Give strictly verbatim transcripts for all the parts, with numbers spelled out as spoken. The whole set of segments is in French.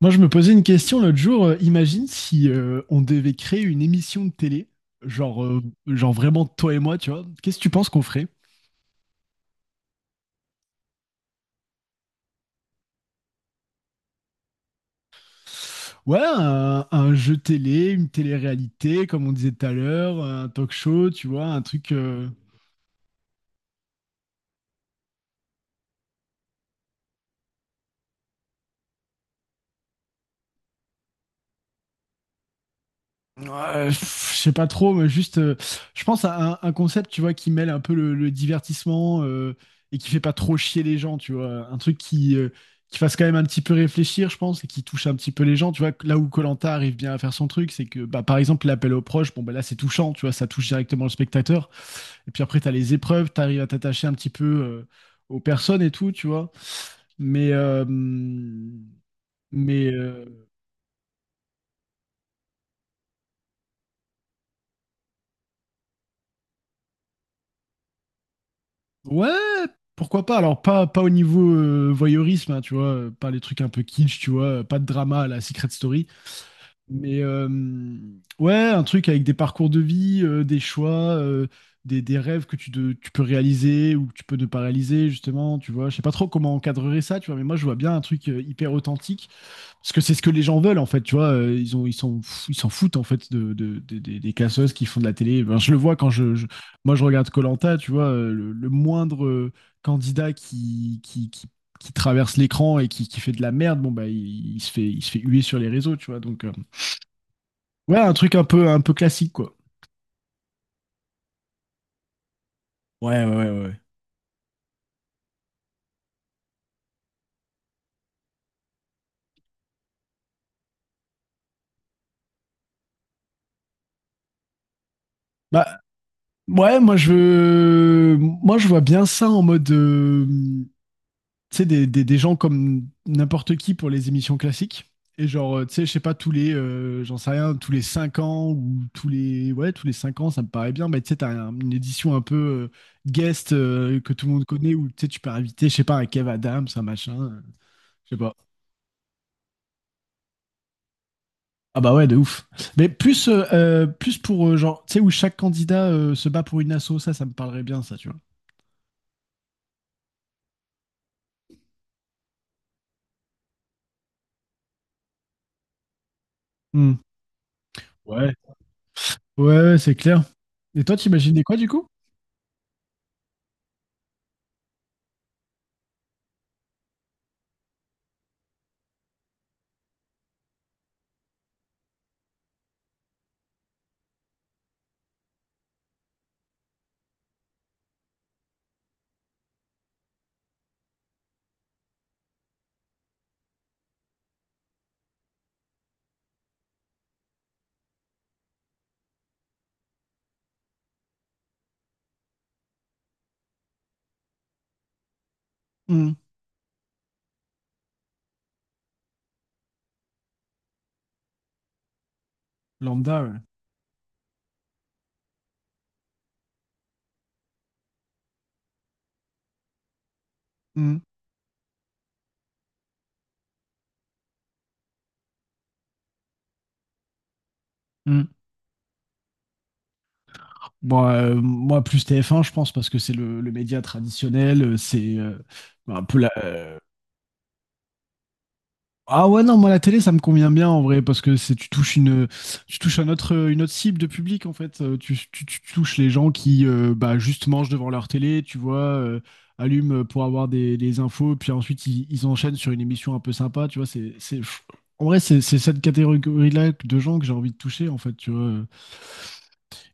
Moi, je me posais une question l'autre jour. Euh, imagine si euh, on devait créer une émission de télé, genre, euh, genre vraiment toi et moi, tu vois. Qu'est-ce que tu penses qu'on ferait? Ouais, un, un jeu télé, une télé-réalité, comme on disait tout à l'heure, un talk show, tu vois, un truc. euh, Ouais, je sais pas trop, mais juste, euh, je pense à un, un concept, tu vois, qui mêle un peu le, le divertissement euh, et qui fait pas trop chier les gens, tu vois. Un truc qui, euh, qui fasse quand même un petit peu réfléchir, je pense, et qui touche un petit peu les gens, tu vois. Là où koh arrive bien à faire son truc, c'est que, bah, par exemple, l'appel aux proches, bon, bah là, c'est touchant, tu vois, ça touche directement le spectateur. Et puis après, t'as les épreuves, t'arrives à t'attacher un petit peu euh, aux personnes et tout, tu vois. Mais, euh, mais, euh, Ouais, pourquoi pas? Alors, pas, pas au niveau euh, voyeurisme, hein, tu vois, euh, pas les trucs un peu kitsch, tu vois, euh, pas de drama à la Secret Story, mais euh, ouais, un truc avec des parcours de vie, euh, des choix, euh, des, des rêves que tu, de- tu peux réaliser ou que tu peux ne pas réaliser, justement, tu vois. Je sais pas trop comment encadrer ça, tu vois, mais moi, je vois bien un truc euh, hyper authentique parce que c'est ce que les gens veulent en fait, tu vois, euh, ils ont, ils sont, ils s'en foutent en fait de, de- de- de- des casseuses qui font de la télé. Ben, je le vois quand je, je- moi je regarde Koh-Lanta, tu vois, euh, le, le moindre euh, candidat qui, qui, qui, qui traverse l'écran et qui, qui fait de la merde, bon bah il, il se fait, il se fait huer sur les réseaux, tu vois. Donc euh, ouais, un truc un peu, un peu classique quoi. Ouais, ouais, ouais, ouais. Bah ouais, moi je, moi je vois bien ça en mode. Euh, tu sais, des, des- des gens comme n'importe qui pour les émissions classiques. Et genre, euh, tu sais, je sais pas, tous les, euh, j'en sais rien, tous les cinq ans ou tous les, ouais, tous les cinq ans, ça me paraît bien. Mais tu sais, t'as un- une édition un peu euh, guest euh, que tout le monde connaît où tu sais, tu peux inviter, je sais pas, un Kev Adams, un machin, euh, je sais pas. Ah bah ouais, de ouf. Mais plus, euh, euh, plus pour, euh, genre, tu sais, où chaque candidat euh, se bat pour une asso, ça, ça me parlerait bien, ça, tu vois. Hmm. Ouais. Ouais, ouais, c'est clair. Et toi, t'imaginais quoi, du coup? Hmm. Lambda, ouais. Hmm. Hmm. Bon, euh, moi, plus T F un, je pense, parce que c'est le, le média traditionnel, euh, c'est euh, bah, un peu la... euh, Ah ouais, non, moi, la télé, ça me convient bien, en vrai, parce que c'est tu touches une, tu touches un autre, euh, une autre cible de public, en fait. Euh, Tu, tu- tu touches les gens qui, euh, bah, juste mangent devant leur télé, tu vois, euh, allument pour avoir des, des infos, puis ensuite, ils, ils enchaînent sur une émission un peu sympa, tu vois, c'est... c'est- en vrai, c'est c'est cette catégorie-là de gens que j'ai envie de toucher, en fait, tu vois. euh.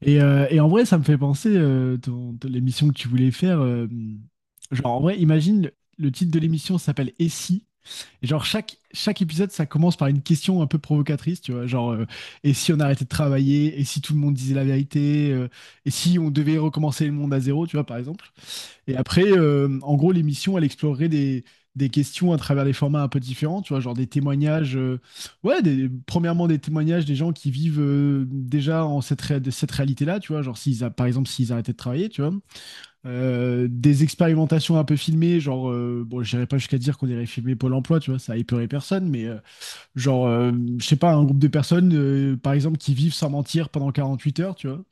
Et, euh, et en vrai, ça me fait penser euh, ton- ton- l'émission que tu voulais faire. Euh, genre, en vrai, imagine, le, le titre de l'émission s'appelle Et si? Et genre, chaque, chaque épisode, ça commence par une question un peu provocatrice, tu vois. Genre, euh, et si on arrêtait de travailler? Et si tout le monde disait la vérité? Euh, et si on devait recommencer le monde à zéro, tu vois, par exemple? Et après, euh, en gros, l'émission, elle explorerait des, des questions à travers des formats un peu différents, tu vois, genre des témoignages, euh, ouais, des, premièrement des témoignages des gens qui vivent euh, déjà en cette, ré- de cette réalité-là, tu vois, genre s'ils a, par exemple s'ils arrêtaient de travailler, tu vois. Euh, des expérimentations un peu filmées, genre, euh, bon, j'irai pas jusqu'à dire qu'on irait filmer Pôle emploi, tu vois, ça épeuré personne, mais euh, genre, euh, je sais pas, un groupe de personnes, euh, par exemple, qui vivent sans mentir pendant quarante-huit heures, tu vois.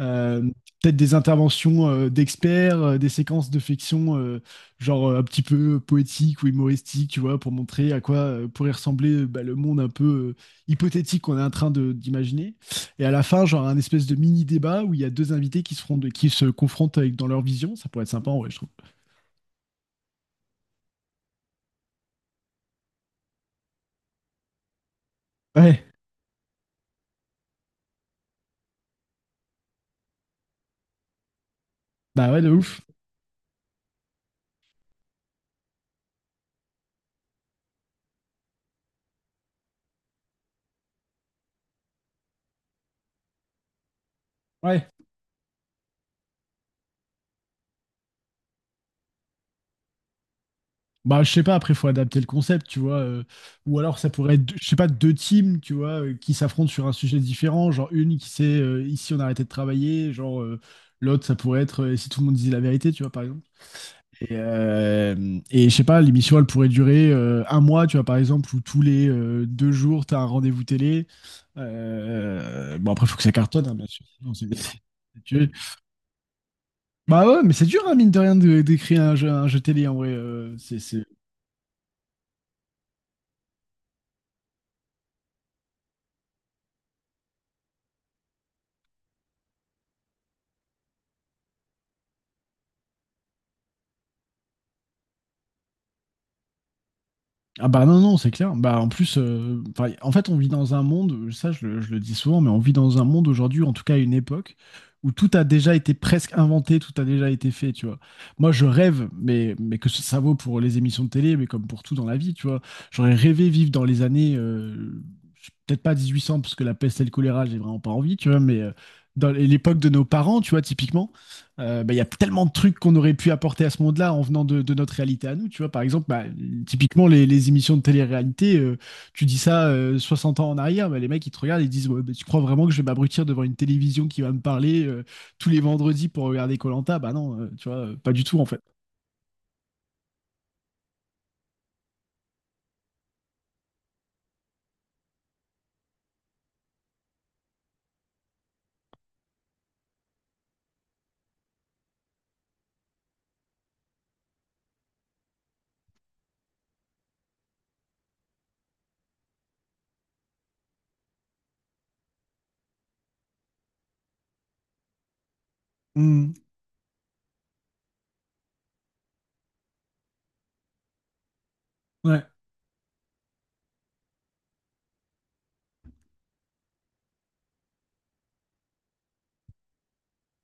Euh, Peut-être des interventions euh, d'experts, euh, des séquences de fiction, euh, genre euh, un petit peu poétique ou humoristique, tu vois, pour montrer à quoi euh, pourrait ressembler euh, bah, le monde un peu euh, hypothétique qu'on est en train de- d'imaginer. Et à la fin, genre un espèce de mini débat où il y a deux invités qui se, feront de- qui se confrontent avec, dans leur vision. Ça pourrait être sympa, ouais, je trouve. Ouais, bah ouais, de ouf. Ouais. Bah, je sais pas, après, faut adapter le concept, tu vois. Euh, ou alors, ça pourrait être, deux- je sais pas, deux teams, tu vois, euh, qui s'affrontent sur un sujet différent. Genre, une qui sait, euh, ici, on a arrêté de travailler. Genre, euh, l'autre, ça pourrait être, euh, si tout le monde disait la vérité, tu vois, par exemple. Et, euh, et je sais pas, l'émission, elle pourrait durer euh, un mois, tu vois, par exemple, où tous les euh, deux jours, t'as un rendez-vous télé. Euh, bon, après, faut que ça cartonne, hein, bien sûr. Sinon, c'est- c'est- c'est- Bah ouais, mais c'est dur, hein, mine de rien, de- d'écrire un jeu, un jeu télé, en vrai. euh, c'est, c'est- Ah bah non, non, c'est clair. Bah en plus, euh, enfin, en fait, on vit dans un monde, ça je le, je le dis souvent, mais on vit dans un monde aujourd'hui, en tout cas à une époque, où tout a déjà été presque inventé, tout a déjà été fait, tu vois. Moi, je rêve, mais, mais que ça vaut pour les émissions de télé, mais comme pour tout dans la vie, tu vois. J'aurais rêvé vivre dans les années, euh, peut-être pas dix-huit cents, parce que la peste et le choléra, j'ai vraiment pas envie, tu vois, mais euh, dans l'époque de nos parents, tu vois, typiquement euh, bah, il y a tellement de trucs qu'on aurait pu apporter à ce monde-là en venant de, de notre réalité à nous. Tu vois, par exemple, bah, typiquement les, les émissions de télé-réalité, euh, tu dis ça euh, soixante ans en arrière, bah, les mecs ils te regardent et ils disent ouais, bah, tu crois vraiment que je vais m'abrutir devant une télévision qui va me parler euh, tous les vendredis pour regarder koh? Bah non, euh, tu vois, euh, pas du tout en fait. Mm. Ouais.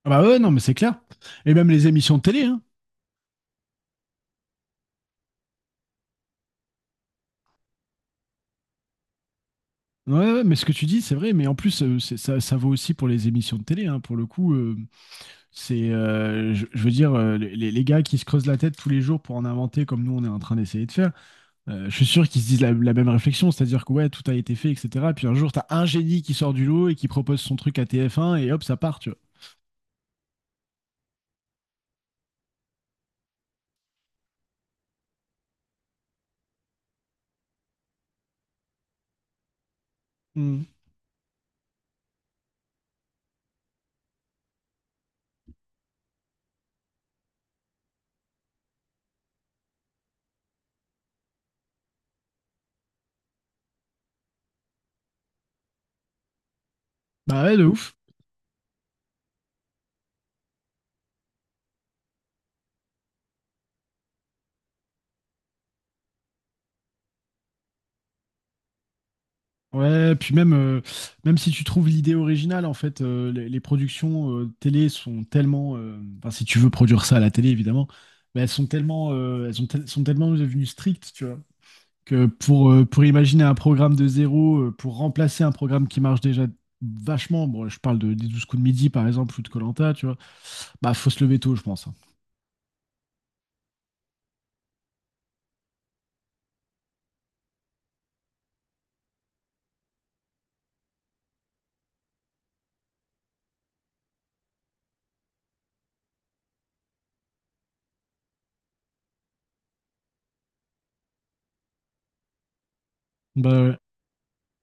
Ah bah ouais, non, mais c'est clair. Et même les émissions de télé, hein. Ouais, ouais, mais ce que tu dis, c'est vrai, mais en plus, euh, c'est- ça, ça vaut aussi pour les émissions de télé, hein, pour le coup. euh, C'est, euh, je, je veux dire, euh, les, les gars qui se creusent la tête tous les jours pour en inventer comme nous on est en train d'essayer de faire, euh, je suis sûr qu'ils se disent la, la même réflexion, c'est-à-dire que ouais, tout a été fait, et cetera. Puis un jour, t'as un génie qui sort du lot et qui propose son truc à T F un et hop, ça part, tu vois. Mm. Bah ouais, de ouf. Ouais, puis même, euh, même si tu trouves l'idée originale, en fait, euh, les, les productions euh, télé sont tellement, euh, enfin, si tu veux produire ça à la télé, évidemment, mais elles sont tellement, euh, elles sont, tel- sont tellement devenues strictes, tu vois. Que pour, euh, pour imaginer un programme de zéro, euh, pour remplacer un programme qui marche déjà vachement, bon, je parle de, des douze coups de midi par exemple, ou de Colanta, tu vois, bah faut se lever tôt, je pense. Hein. Bah, ouais.